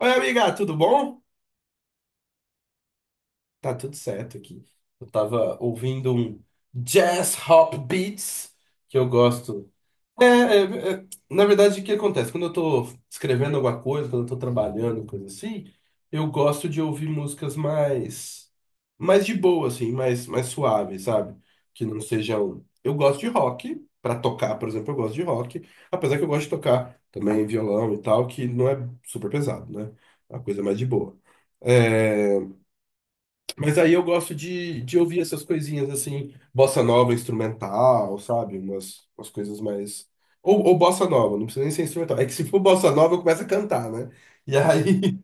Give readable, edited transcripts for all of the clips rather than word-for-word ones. Oi, amiga, tudo bom? Tá tudo certo aqui. Eu tava ouvindo um jazz hop beats que eu gosto. Na verdade, o que acontece? Quando eu tô escrevendo alguma coisa, quando eu tô trabalhando, coisa assim, eu gosto de ouvir músicas mais de boa, assim, mais suaves, sabe? Que não sejam. Eu gosto de rock, pra tocar, por exemplo, eu gosto de rock, apesar que eu gosto de tocar também violão e tal, que não é super pesado, né? É uma coisa mais de boa. É, mas aí eu gosto de ouvir essas coisinhas assim, bossa nova instrumental, sabe? Umas coisas mais. Ou bossa nova, não precisa nem ser instrumental. É que se for bossa nova, eu começo a cantar, né? E aí,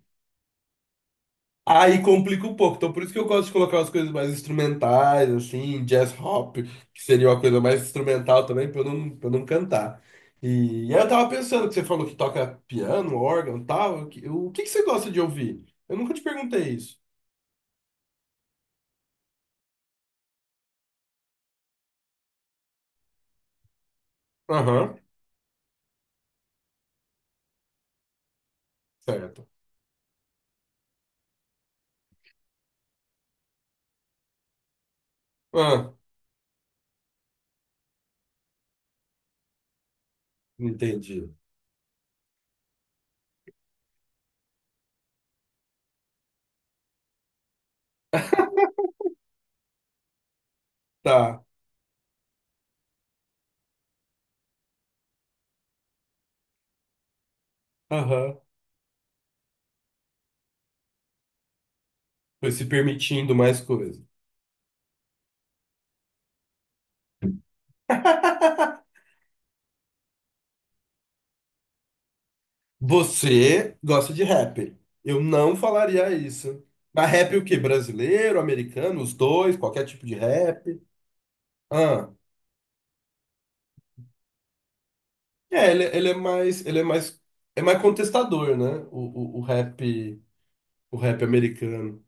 aí complica um pouco. Então por isso que eu gosto de colocar as coisas mais instrumentais, assim, jazz hop, que seria uma coisa mais instrumental também, pra eu não cantar. E aí eu tava pensando que você falou que toca piano, órgão e tal. O que que você gosta de ouvir? Eu nunca te perguntei isso. Aham, certo. Ah. Entendi. Tá. Aham. Foi se permitindo mais coisa. Você gosta de rap. Eu não falaria isso. Mas rap é o quê? Brasileiro, americano, os dois, qualquer tipo de rap. Ah, é, ele é mais contestador, né? O rap, o rap americano,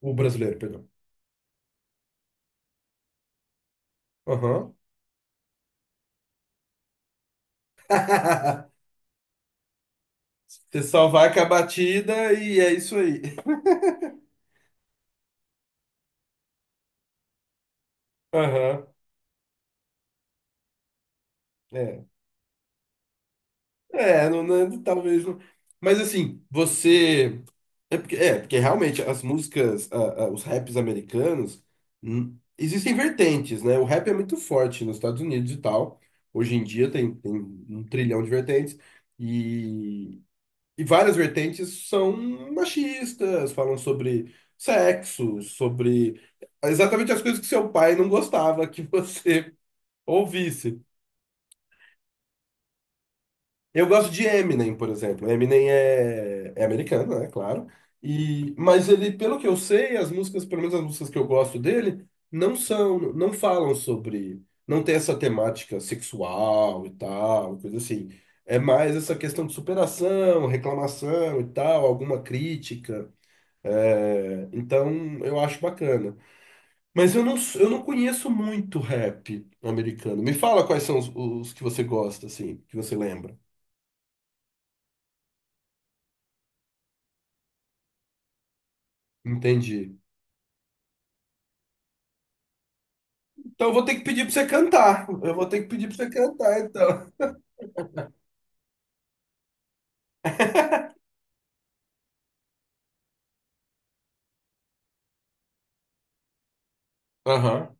o brasileiro, perdão. Aham. Você só vai com a batida e é isso aí. Aham, é. É, não, talvez não. Mas assim, você. É porque realmente as músicas, os raps americanos, existem vertentes, né? O rap é muito forte nos Estados Unidos e tal. Hoje em dia tem um trilhão de vertentes. E, e várias vertentes são machistas, falam sobre sexo, sobre exatamente as coisas que seu pai não gostava que você ouvisse. Eu gosto de Eminem, por exemplo. Eminem é americano, né? Claro. E, mas ele, pelo que eu sei, as músicas, pelo menos as músicas que eu gosto dele, não são, não falam sobre, não tem essa temática sexual e tal, coisa assim. É mais essa questão de superação, reclamação e tal, alguma crítica. É, então, eu acho bacana. Mas eu não conheço muito rap americano. Me fala quais são os que você gosta, assim, que você lembra. Entendi. Então eu vou ter que pedir pra você cantar. Eu vou ter que pedir pra você cantar, então. Aham.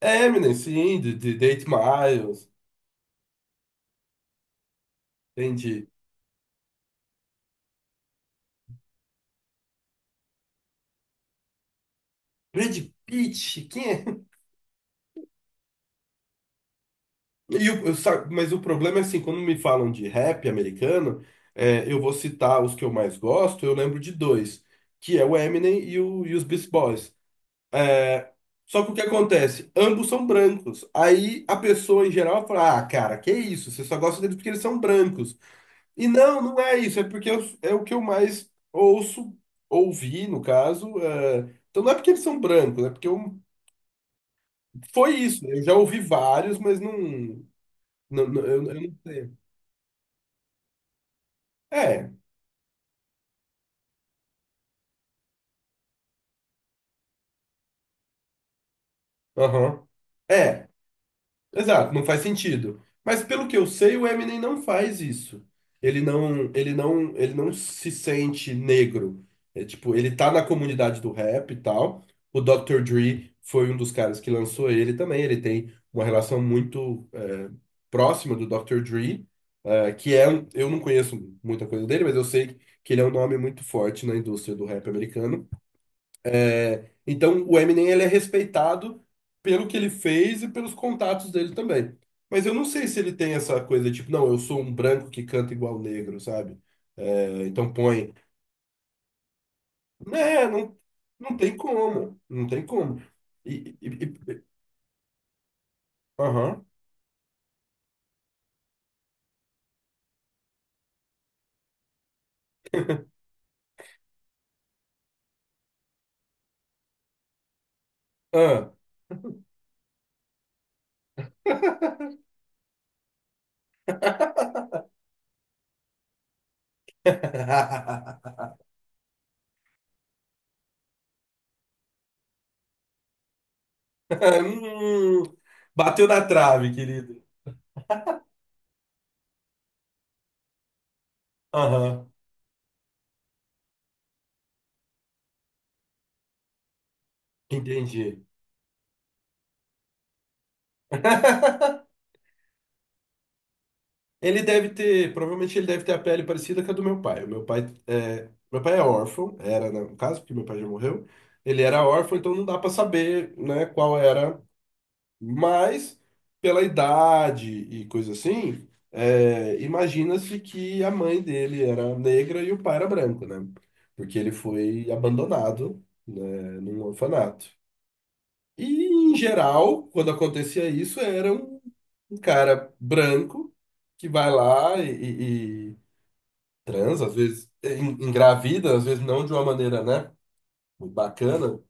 Eminem, sim, de 8 Miles, tem de Brad Pitt, quem é? Mas o problema é assim, quando me falam de rap americano, é, eu vou citar os que eu mais gosto, eu lembro de dois, que é o Eminem e, o, e os Beast Boys. É, só que o que acontece? Ambos são brancos. Aí a pessoa em geral fala, ah, cara, que isso? Você só gosta deles porque eles são brancos. E não, não é isso, é o que eu mais ouço, ouvi, no caso. É, então não é porque eles são brancos, é porque eu... foi isso. Eu já ouvi vários, mas não. Eu não sei. É, aham. É. Exato, não faz sentido. Mas pelo que eu sei, o Eminem não faz isso. Ele não se sente negro. É, tipo, ele tá na comunidade do rap e tal. O Dr. Dre foi um dos caras que lançou ele também. Ele tem uma relação muito é, próxima do Dr. Dre, eu não conheço muita coisa dele, mas eu sei que ele é um nome muito forte na indústria do rap americano. É, então, o Eminem ele é respeitado pelo que ele fez e pelos contatos dele também. Mas eu não sei se ele tem essa coisa tipo, não, eu sou um branco que canta igual negro, sabe? É, então põe. Né, não, não tem como. Não tem como. E, e, e- e- aham. Ah. Hum, bateu na trave, querido. Aham. Entendi. Ele deve ter, provavelmente ele deve ter a pele parecida com a do meu pai. O meu pai é órfão, era né, no caso, porque meu pai já morreu. Ele era órfão, então não dá para saber, né, qual era. Mas pela idade e coisa assim, é, imagina-se que a mãe dele era negra e o pai era branco, né? Porque ele foi abandonado, né, num orfanato. E, em geral, quando acontecia isso, era um cara branco que vai lá e transa, às vezes engravida, às vezes não de uma maneira, né, muito bacana,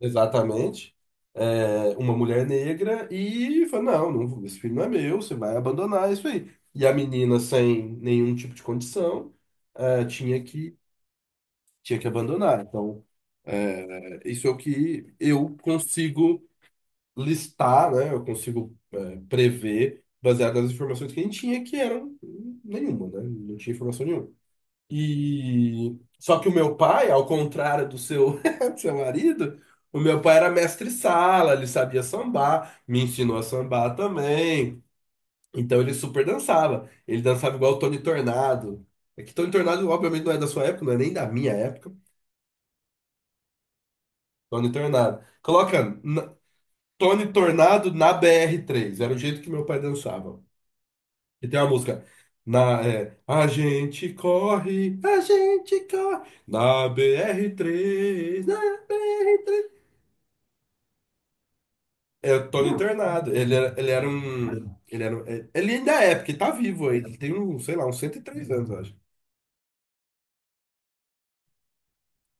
exatamente, é, uma mulher negra e fala, não, não, esse filho não é meu, você vai abandonar isso aí. E a menina, sem nenhum tipo de condição, é, tinha que abandonar. Então, é, isso é o que eu consigo listar, né? Eu consigo é, prever baseado nas informações que a gente tinha, que eram nenhuma, né? Não tinha informação nenhuma. E só que o meu pai, ao contrário do seu, do seu marido, o meu pai era mestre sala, ele sabia sambar, me ensinou a sambar também. Então ele super dançava. Ele dançava igual o Tony Tornado. É que Tony Tornado, obviamente, não é da sua época, não é nem da minha época. Tony Tornado. Tony Tornado na BR3. Era o jeito que meu pai dançava. E tem uma música. Na, é, a gente corre na br três na br três. É o Tony Tornado. Ele era um. Ele, era, um- é, ele ainda é, porque tá vivo aí. Ele tem um, sei lá, uns 103 anos, eu acho.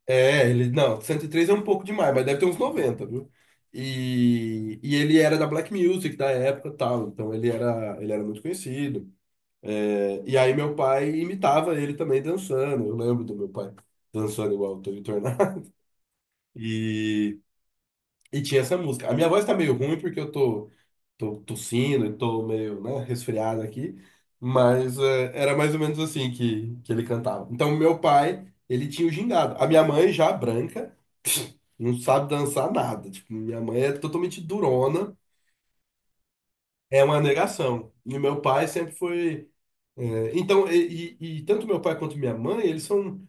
É, ele. Não, 103 é um pouco demais, mas deve ter uns 90 viu? E ele era da Black Music da época e tal. Então ele era muito conhecido. É, e aí meu pai imitava ele também dançando. Eu lembro do meu pai dançando igual o Tony Tornado. E, e tinha essa música. A minha voz tá meio ruim porque tô tossindo e tô meio, né, resfriado aqui, mas é, era mais ou menos assim que ele cantava. Então, meu pai, ele tinha o gingado. A minha mãe já branca, não sabe dançar nada. Tipo, minha mãe é totalmente durona, é uma negação. E o meu pai sempre foi. É, então, e tanto meu pai quanto minha mãe, eles são.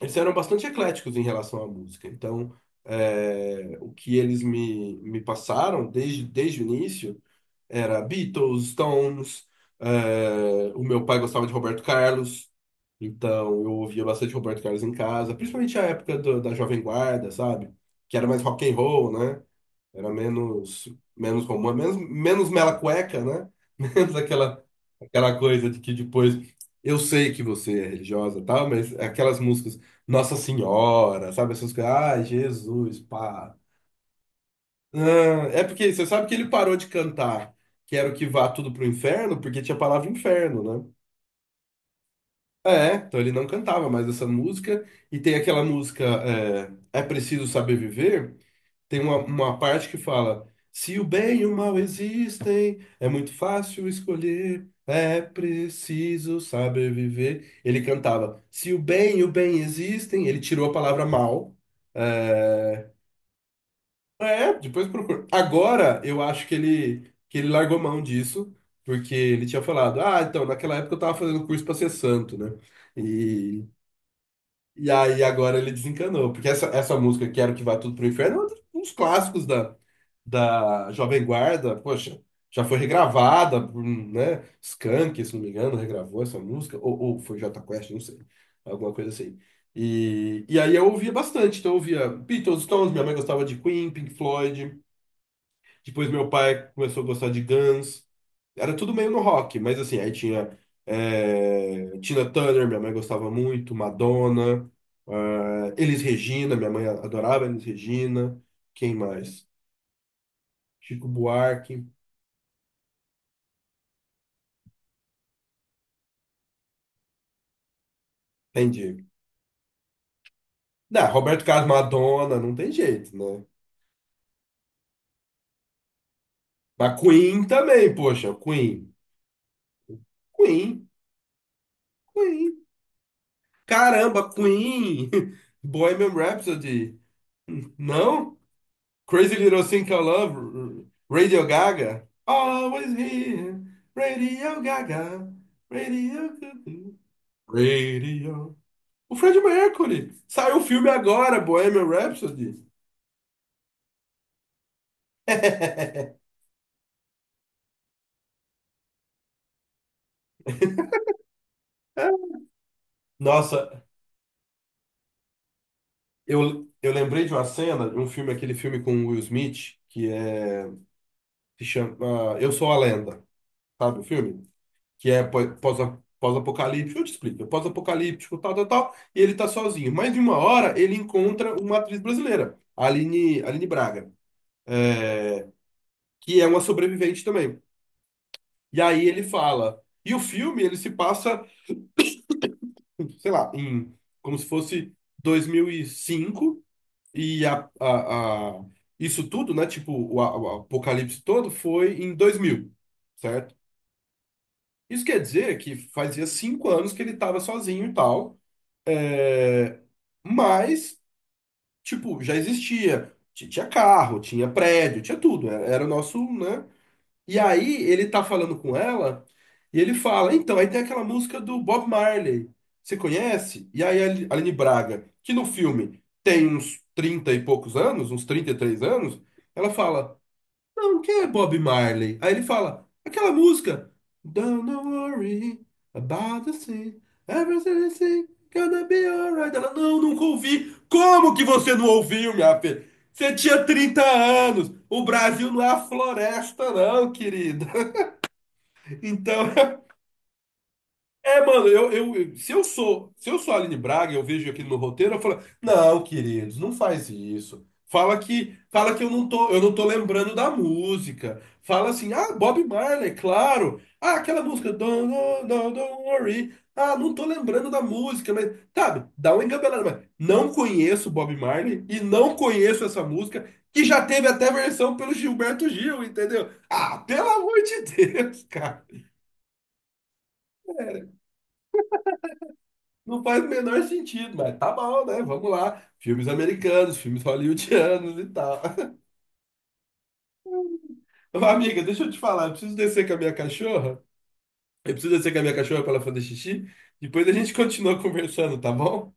Eles eram bastante ecléticos em relação à música. Então, é, o que eles me passaram desde o início era Beatles, Stones, é, o meu pai gostava de Roberto Carlos, então eu ouvia bastante Roberto Carlos em casa, principalmente a época da Jovem Guarda, sabe? Que era mais rock and roll, né? Era menos, menos romântico, menos mela cueca, né? Menos aquela, aquela coisa de que depois. Eu sei que você é religiosa e tal, mas aquelas músicas Nossa Senhora, sabe? Essas coisas. Ai, Jesus, pá. Ah, é porque você sabe que ele parou de cantar Quero Que Vá Tudo pro Inferno, porque tinha a palavra inferno, né? É, então ele não cantava mais essa música. E tem aquela música é, É Preciso Saber Viver. Tem uma parte que fala: se o bem e o mal existem, é muito fácil escolher, é preciso saber viver. Ele cantava: se o bem e o bem existem, ele tirou a palavra mal. É, é, depois procura. Agora eu acho que ele largou mão disso, porque ele tinha falado: ah, então naquela época eu tava fazendo curso pra ser santo, né? E, e aí agora ele desencanou, porque essa música, Quero Que Vá Tudo pro Inferno, é um dos clássicos da Jovem Guarda, poxa, já foi regravada, né? Skank, se não me engano, regravou essa música, ou foi Jota Quest, não sei, alguma coisa assim. E aí eu ouvia bastante, então eu ouvia Beatles, Stones, minha mãe gostava de Queen, Pink Floyd, depois meu pai começou a gostar de Guns, era tudo meio no rock, mas assim, aí tinha é, Tina Turner, minha mãe gostava muito, Madonna, ah, Elis Regina, minha mãe adorava Elis Regina, quem mais? Chico Buarque. Entendi. Não, Roberto Carlos, Madonna, não tem jeito, né? Mas Queen também, poxa, Queen. Queen, Queen. Caramba, Queen. Bohemian Rhapsody. Não? Crazy Little Thing Called Love. Radio Gaga. Always Here. Radio Gaga. Radio Gaga. Radio. O Fred Mercury. Saiu o filme agora, Bohemian Rhapsody. Nossa, eu lembrei de uma cena, de um filme, aquele filme com o Will Smith, que é, se chama Eu Sou a Lenda, sabe o filme? Que é pós-apocalíptico, eu te explico, é pós-apocalíptico, tal, tal, tal, e ele tá sozinho. Mas de uma hora ele encontra uma atriz brasileira, Aline Braga, que é uma sobrevivente também. E aí ele fala, e o filme ele se passa, sei lá, em como se fosse 2005. E a, a, a- isso tudo, né? Tipo, o apocalipse todo foi em 2000, certo? Isso quer dizer que fazia 5 anos que ele estava sozinho e tal. É, mas, tipo, já existia. Tinha carro, tinha prédio, tinha tudo. Era o nosso, né? E aí ele tá falando com ela e ele fala, então, aí tem aquela música do Bob Marley. Você conhece? E aí Aline Braga, que no filme tem uns 30 e poucos anos, uns 33 anos, ela fala, não, quem é Bob Marley? Aí ele fala, aquela música. Don't worry about the thing. Everything gonna be alright. Ela, não, nunca ouvi. Como que você não ouviu, minha filha? Você tinha 30 anos. O Brasil não é a floresta, não, querida. Então, é, mano, se eu sou, se eu sou a Aline Braga, eu vejo aquilo no roteiro, eu falo, não, queridos, não faz isso. Fala que eu não tô lembrando da música. Fala assim, ah, Bob Marley, claro. Ah, aquela música, don't don't worry. Ah, não tô lembrando da música, mas, sabe, dá uma engabelada, mas não conheço Bob Marley e não conheço essa música, que já teve até versão pelo Gilberto Gil, entendeu? Ah, pelo amor de Deus, cara. É, não faz o menor sentido, mas tá bom, né? Vamos lá. Filmes americanos, filmes hollywoodianos e tal. Ô, amiga, deixa eu te falar, eu preciso descer com a minha cachorra. Eu preciso descer com a minha cachorra para ela fazer xixi. Depois a gente continua conversando, tá bom?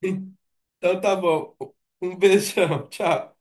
Então tá bom. Um beijão, tchau.